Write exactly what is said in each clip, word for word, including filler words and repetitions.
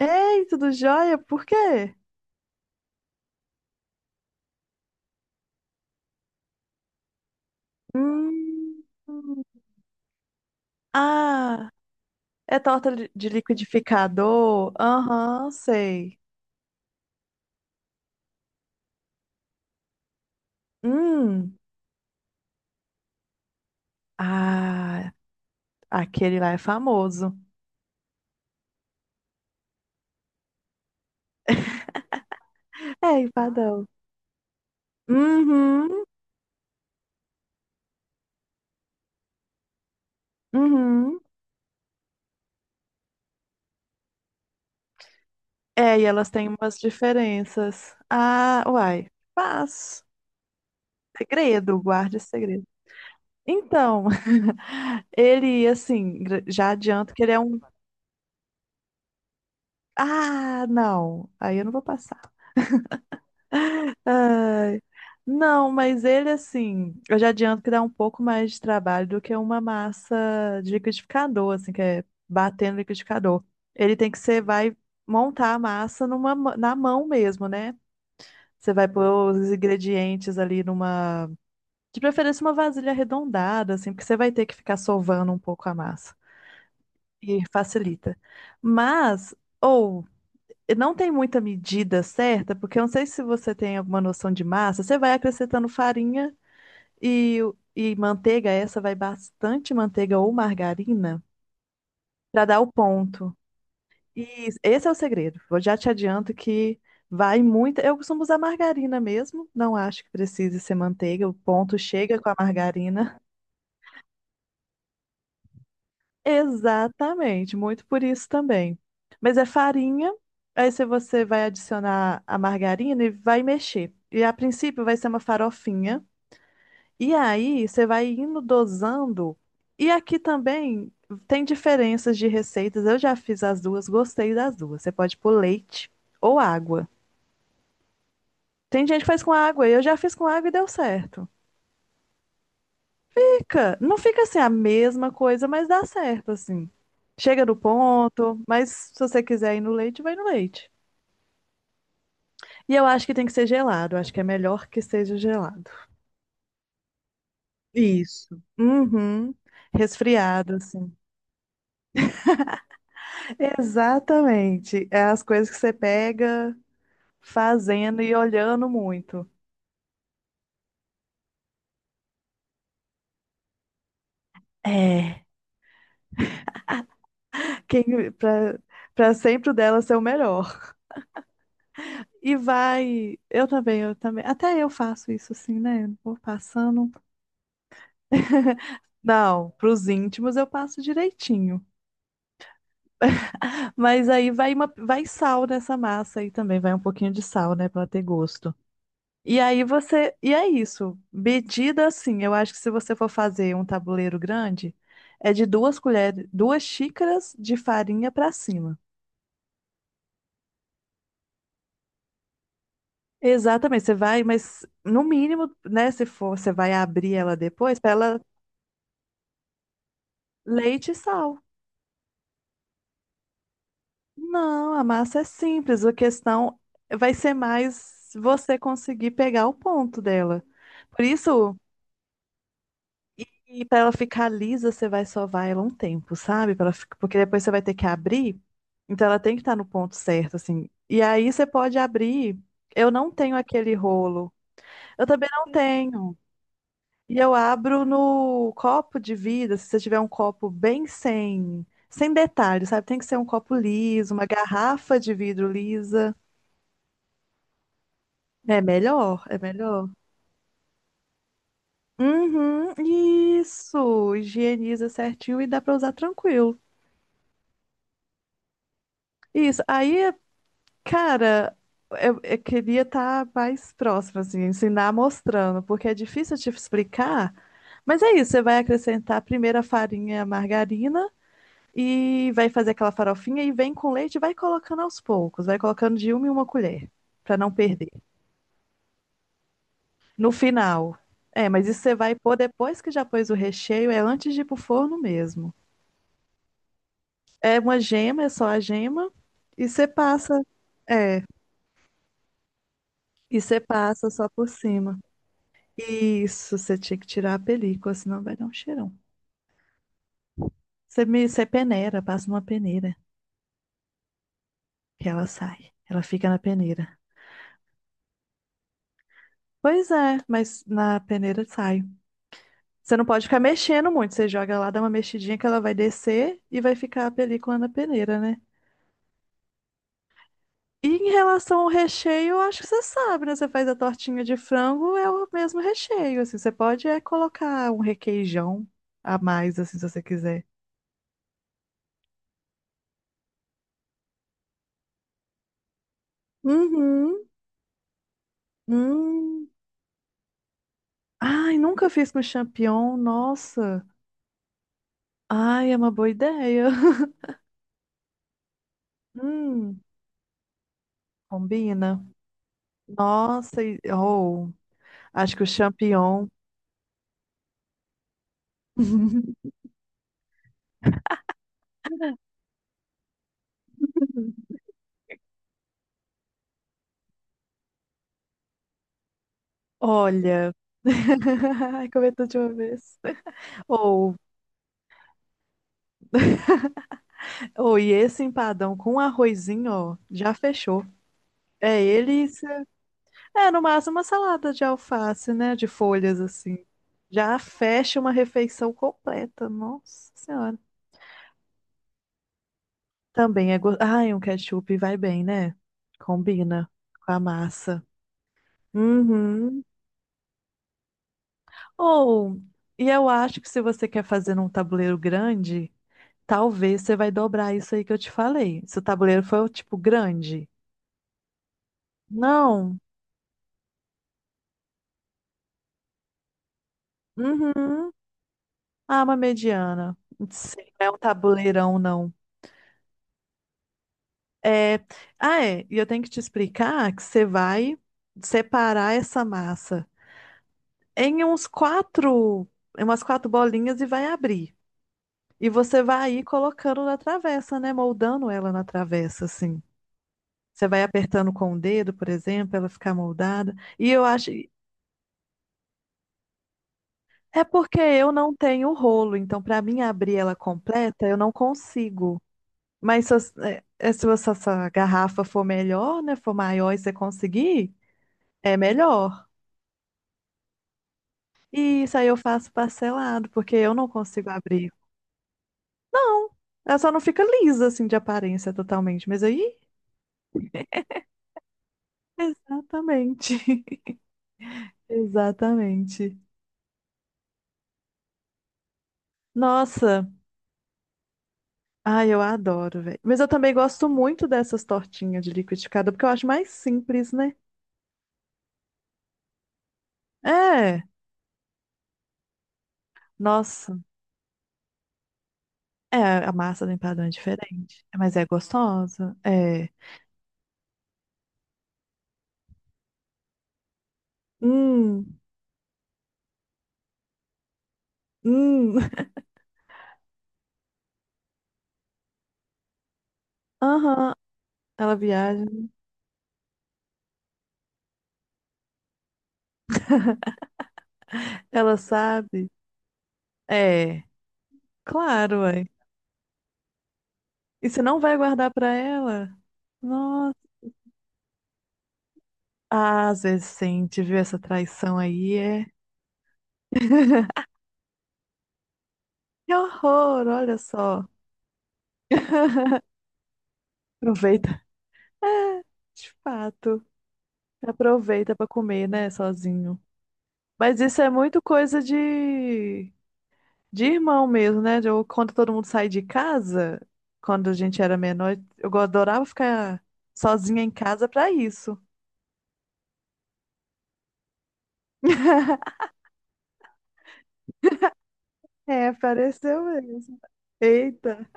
Ei, tudo jóia? Por quê? Hum. Ah, é torta li- de liquidificador? Aham, sei. Hum. Ah, aquele lá é famoso. É, empadão. Uhum, uhum. É, e elas têm umas diferenças. Ah, uai. Mas, segredo, guarde segredo. Então, ele, assim, gra- já adianto que ele é um. Ah, não. Aí eu não vou passar. Ai, não, mas ele assim, eu já adianto que dá um pouco mais de trabalho do que uma massa de liquidificador, assim, que é bater no liquidificador. Ele tem que ser, vai montar a massa numa, ma- na mão mesmo, né? Você vai pôr os ingredientes ali numa, de preferência uma vasilha arredondada, assim, porque você vai ter que ficar sovando um pouco a massa e facilita. Mas, ou não tem muita medida certa, porque eu não sei se você tem alguma noção de massa. Você vai acrescentando farinha e, e manteiga, essa vai bastante manteiga ou margarina para dar o ponto. E esse é o segredo. Eu já te adianto que vai muita. Eu costumo usar margarina mesmo, não acho que precise ser manteiga, o ponto chega com a margarina. Exatamente, muito por isso também. Mas é farinha, aí se você vai adicionar a margarina e vai mexer. E a princípio vai ser uma farofinha. E aí você vai indo dosando. E aqui também tem diferenças de receitas. Eu já fiz as duas, gostei das duas. Você pode pôr leite ou água. Tem gente que faz com água, eu já fiz com água e deu certo. Fica, não fica assim a mesma coisa, mas dá certo, assim. Chega no ponto, mas se você quiser ir no leite, vai no leite. E eu acho que tem que ser gelado, acho que é melhor que seja gelado. Isso. Uhum. Resfriado, assim. Exatamente. É as coisas que você pega fazendo e olhando muito. É. Quem, pra, pra sempre o dela ser o melhor. E vai. Eu também, eu também. Até eu faço isso assim, né? Eu Vou passando. Não, pros íntimos eu passo direitinho. Mas aí vai, uma, vai sal nessa massa aí também, vai um pouquinho de sal, né, pra ter gosto. E aí você, e é isso. Medida assim, eu acho que se você for fazer um tabuleiro grande, é de duas colheres, duas xícaras de farinha pra cima. Exatamente, você vai, mas no mínimo, né, se for, você vai abrir ela depois, pra ela leite e sal. Não, a massa é simples. A questão vai ser mais você conseguir pegar o ponto dela. Por isso, e para ela ficar lisa, você vai sovar ela um tempo, sabe? Pra ela fi- porque depois você vai ter que abrir. Então ela tem que estar no ponto certo, assim. E aí você pode abrir. Eu não tenho aquele rolo. Eu também não tenho. E eu abro no copo de vidro. Se você tiver um copo bem sem, sem detalhes, sabe? Tem que ser um copo liso, uma garrafa de vidro lisa. É melhor, é melhor. Uhum, isso. Higieniza certinho e dá pra usar tranquilo. Isso. Aí, cara, eu, eu queria estar mais próximo, assim, ensinar mostrando, porque é difícil te explicar. Mas é isso, você vai acrescentar primeiro a farinha, a margarina e vai fazer aquela farofinha e vem com leite e vai colocando aos poucos, vai colocando de uma em uma colher, pra não perder. No final. É, mas isso você vai pôr depois que já pôs o recheio, é antes de ir pro forno mesmo. É uma gema, é só a gema. E você passa. É, e você passa só por cima. Isso, você tinha que tirar a película, senão vai dar um cheirão. Você me, você peneira, passa numa peneira, que ela sai. Ela fica na peneira. Pois é, mas na peneira sai. Você não pode ficar mexendo muito. Você joga lá, dá uma mexidinha que ela vai descer e vai ficar a película na peneira, né? E em relação ao recheio, eu acho que você sabe, né? Você faz a tortinha de frango, é o mesmo recheio, assim. Você pode é colocar um requeijão a mais, assim, se você quiser. Uhum. Hum. Ai, nunca fiz com champignon, nossa. Ai, é uma boa ideia. Hum, combina. Nossa, e- oh, acho que o champignon. Olha. Ai, comer tudo de uma vez. Ou Oh, e esse empadão com arrozinho, ó, já fechou. É ele, e é no máximo uma salada de alface, né? De folhas assim. Já fecha uma refeição completa. Nossa Senhora. Também é gostoso. Ai, um ketchup vai bem, né? Combina com a massa. Uhum. Ou, e eu acho que se você quer fazer num tabuleiro grande, talvez você vai dobrar isso aí que eu te falei. Se o tabuleiro for, tipo, grande. Não. Uhum. Ah, uma mediana. Sim, não é um tabuleirão, não. É... Ah, é. E eu tenho que te explicar que você vai separar essa massa em uns quatro, em umas quatro bolinhas e vai abrir. E você vai ir colocando na travessa, né? Moldando ela na travessa, assim. Você vai apertando com o dedo, por exemplo, ela ficar moldada. E eu acho. É porque eu não tenho rolo, então para mim abrir ela completa, eu não consigo. Mas se, as- é, é, se essa essa garrafa for melhor, né? For maior e você conseguir, é melhor. E isso aí eu faço parcelado, porque eu não consigo abrir. Não, ela só não fica lisa assim de aparência totalmente. Mas aí, exatamente. Exatamente. Nossa, ai, eu adoro, velho. Mas eu também gosto muito dessas tortinhas de liquidificador, porque eu acho mais simples, né? É, nossa. É, a massa do empadão é diferente, mas é gostosa. É. Hum. Hum, aham. Ela viaja, ela sabe. É, claro, ué. E você não vai guardar pra ela? Nossa. Ah, às vezes sente, viu essa traição aí, é. Que horror, olha só. Aproveita. É, de fato. Aproveita pra comer, né, sozinho. Mas isso é muito coisa de de irmão mesmo, né? De- quando todo mundo sai de casa, quando a gente era menor, eu adorava ficar sozinha em casa pra isso. É, apareceu mesmo. Eita.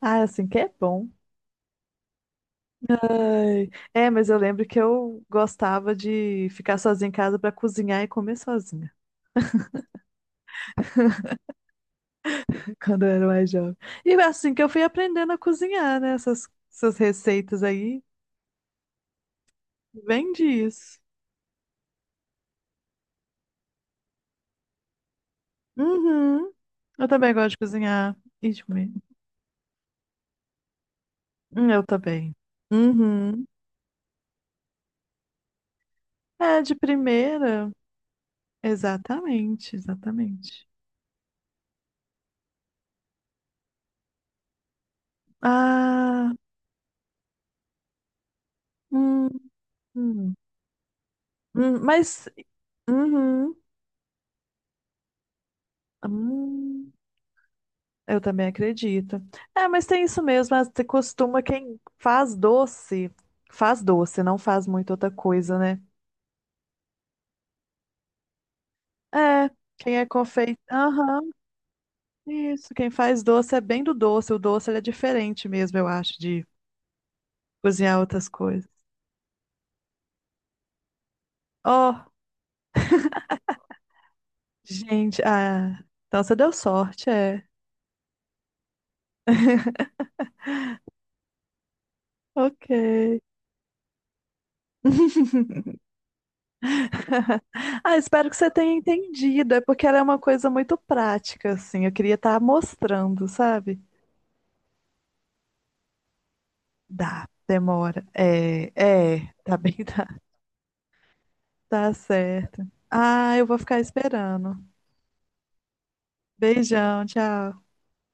Ah, assim que é bom. Ai. É, mas eu lembro que eu gostava de ficar sozinha em casa pra cozinhar e comer sozinha, quando eu era mais jovem. E é assim que eu fui aprendendo a cozinhar, né? Essas, essas receitas aí, vem disso. Uhum. Eu também gosto de cozinhar e de comer. Hum, Eu também. Uhum. É, de primeira. Exatamente, exatamente. Ah, hum, hum. Hum, Mas Uhum. Hum, eu também acredito. É, mas tem isso mesmo. as- Você costuma quem faz doce, faz doce, não faz muito outra coisa, né? É, quem é confeito. Aham, isso. Quem faz doce é bem do doce. O doce ele é diferente mesmo, eu acho, de cozinhar outras coisas. Oh, gente, ah, então você deu sorte, é. Ok. Ah, espero que você tenha entendido. É porque ela é uma coisa muito prática, assim. Eu queria estar mostrando, sabe? Dá, demora. É, é, tá bem, tá, tá certo. Ah, eu vou ficar esperando. Beijão, tchau.